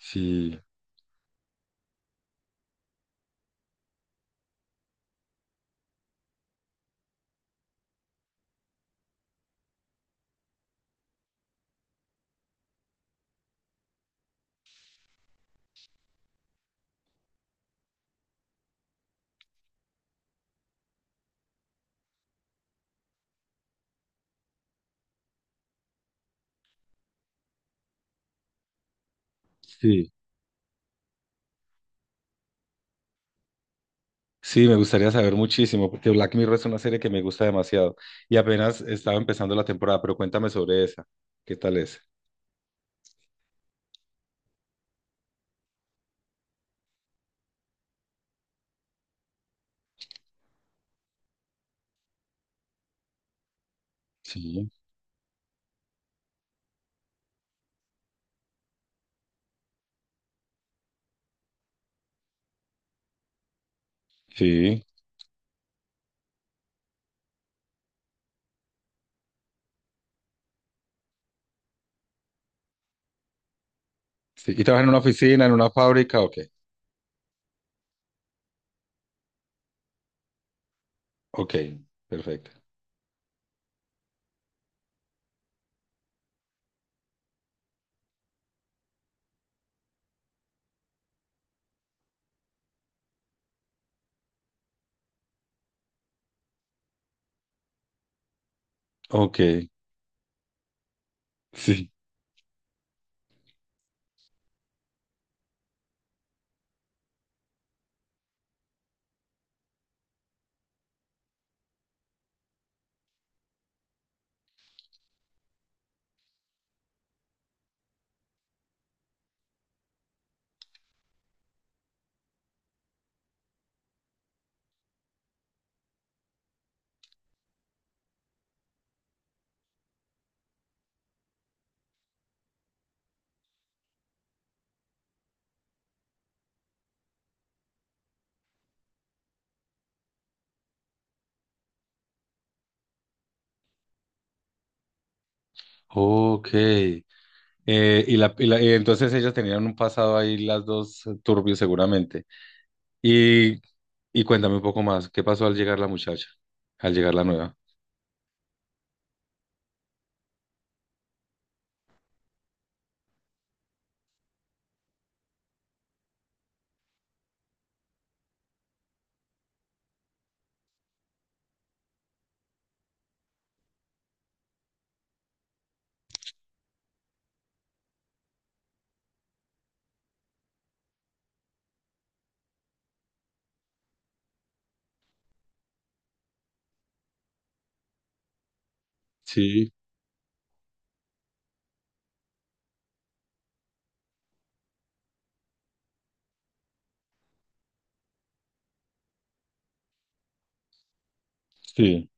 Sí, sí, sí, me gustaría saber muchísimo, porque Black Mirror es una serie que me gusta demasiado y apenas estaba empezando la temporada, pero cuéntame sobre esa, ¿qué tal es? Sí, sí, sí. ¿Y trabajas en una oficina, en una fábrica? Ok, ok, perfecto. Ok, sí, ok. Y entonces ellas tenían un pasado ahí, las dos turbio seguramente. Y, y cuéntame un poco más, ¿qué pasó al llegar la muchacha, al llegar la nueva? Sí, sí,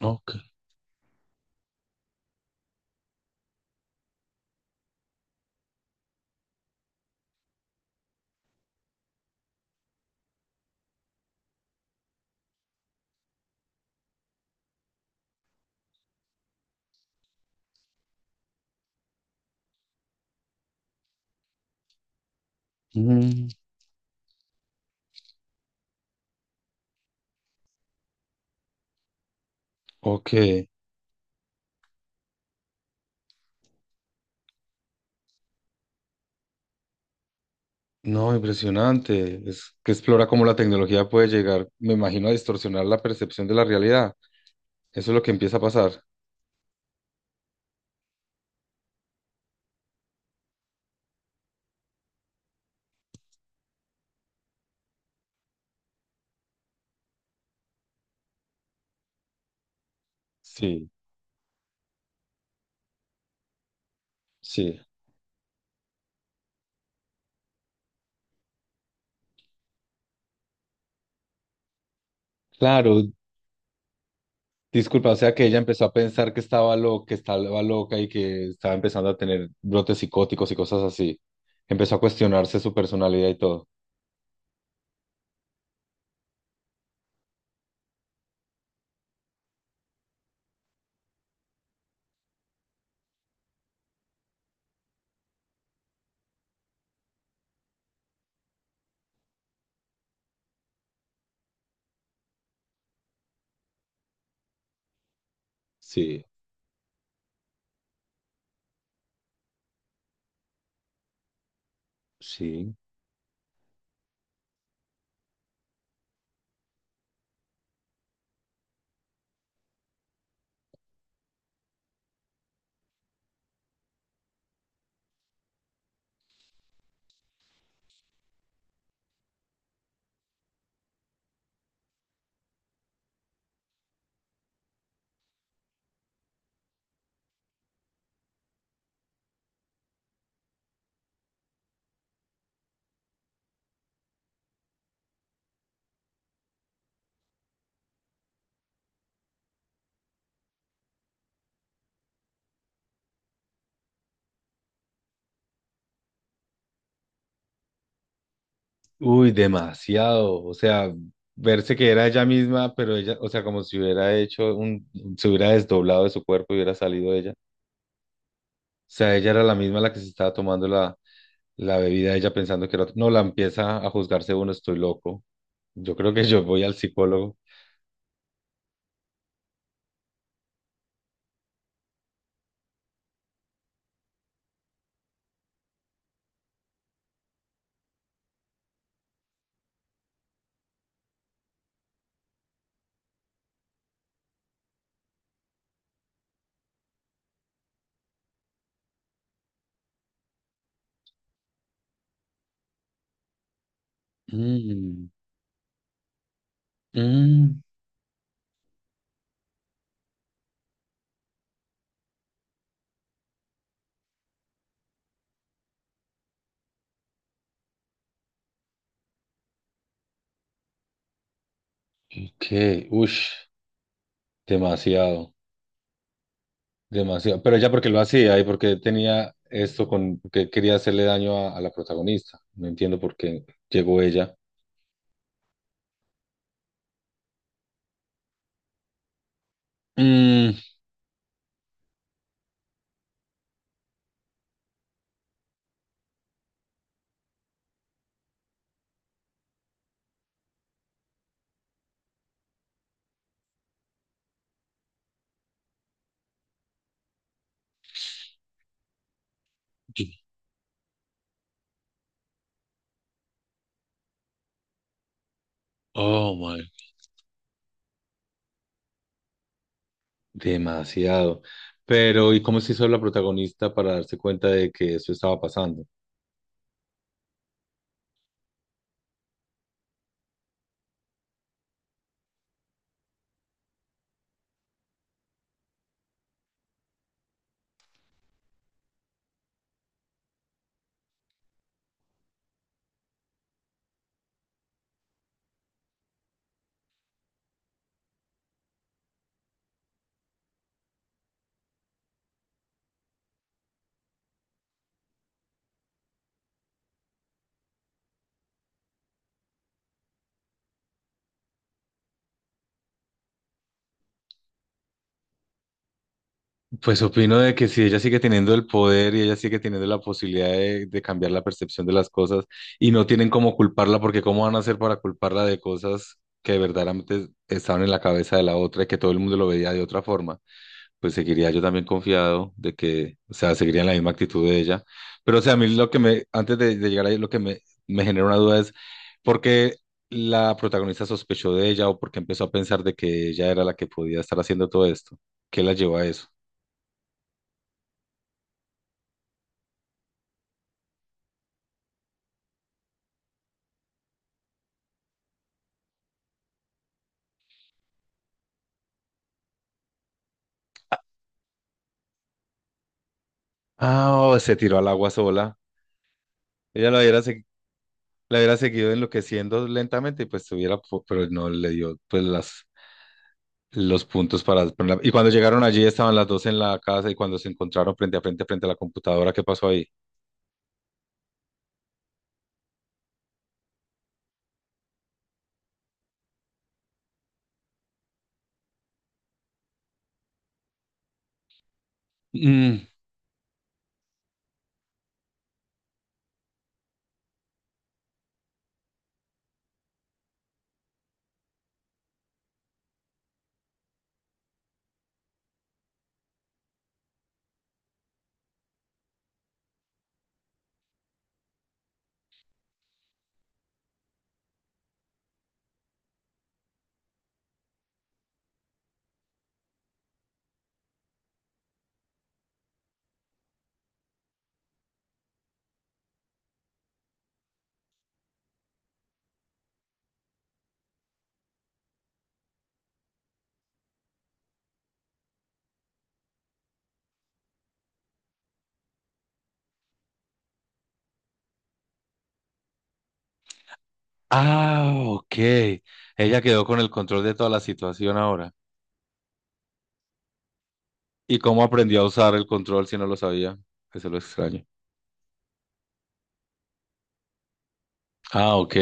ok. Mm. Ok, no, impresionante. Es que explora cómo la tecnología puede llegar, me imagino, a distorsionar la percepción de la realidad. Eso es lo que empieza a pasar. Sí, sí. Claro, disculpa, o sea que ella empezó a pensar que estaba loca y que estaba empezando a tener brotes psicóticos y cosas así. Empezó a cuestionarse su personalidad y todo. Sí, sí. Uy, demasiado. O sea, verse que era ella misma, pero ella, o sea, como si hubiera hecho un, se hubiera desdoblado de su cuerpo y hubiera salido ella. Sea, ella era la misma la que se estaba tomando la, la bebida, ella pensando que era otra. No, la empieza a juzgarse uno, estoy loco. Yo creo que yo voy al psicólogo. Mm, mm, ok, ush, demasiado, demasiado. Pero ella porque lo hacía y porque tenía esto con que quería hacerle daño a la protagonista. No entiendo por qué llegó ella. Mm, oh my, demasiado. Pero, ¿y cómo se hizo la protagonista para darse cuenta de que eso estaba pasando? Pues opino de que si ella sigue teniendo el poder y ella sigue teniendo la posibilidad de cambiar la percepción de las cosas y no tienen cómo culparla, porque cómo van a hacer para culparla de cosas que verdaderamente estaban en la cabeza de la otra y que todo el mundo lo veía de otra forma, pues seguiría yo también confiado de que, o sea, seguiría en la misma actitud de ella. Pero, o sea, a mí lo que me, antes de llegar ahí, lo que me genera una duda es, ¿por qué la protagonista sospechó de ella o por qué empezó a pensar de que ella era la que podía estar haciendo todo esto? ¿Qué la llevó a eso? Ah, oh, se tiró al agua sola. Ella la hubiera, segui- la hubiera seguido enloqueciendo lentamente y pues tuviera, po- pero no le dio pues las, los puntos para ponerla- Y cuando llegaron allí estaban las dos en la casa y cuando se encontraron frente a frente, frente a la computadora, ¿qué pasó ahí? Mm, ah, ok. Ella quedó con el control de toda la situación ahora. ¿Y cómo aprendió a usar el control si no lo sabía? Eso es lo extraño. Ah, ok.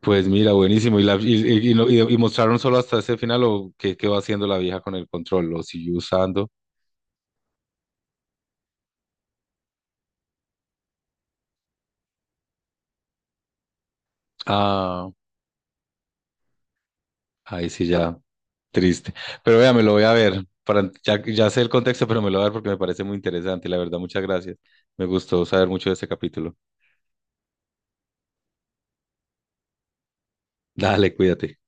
Pues mira, buenísimo. ¿Y, la, y mostraron solo hasta ese final o qué, qué va haciendo la vieja con el control? ¿Lo sigue usando? Ah, ahí sí ya, triste. Pero vea, me lo voy a ver. Para, ya, ya sé el contexto, pero me lo voy a ver porque me parece muy interesante. La verdad, muchas gracias. Me gustó saber mucho de este capítulo. Dale, cuídate.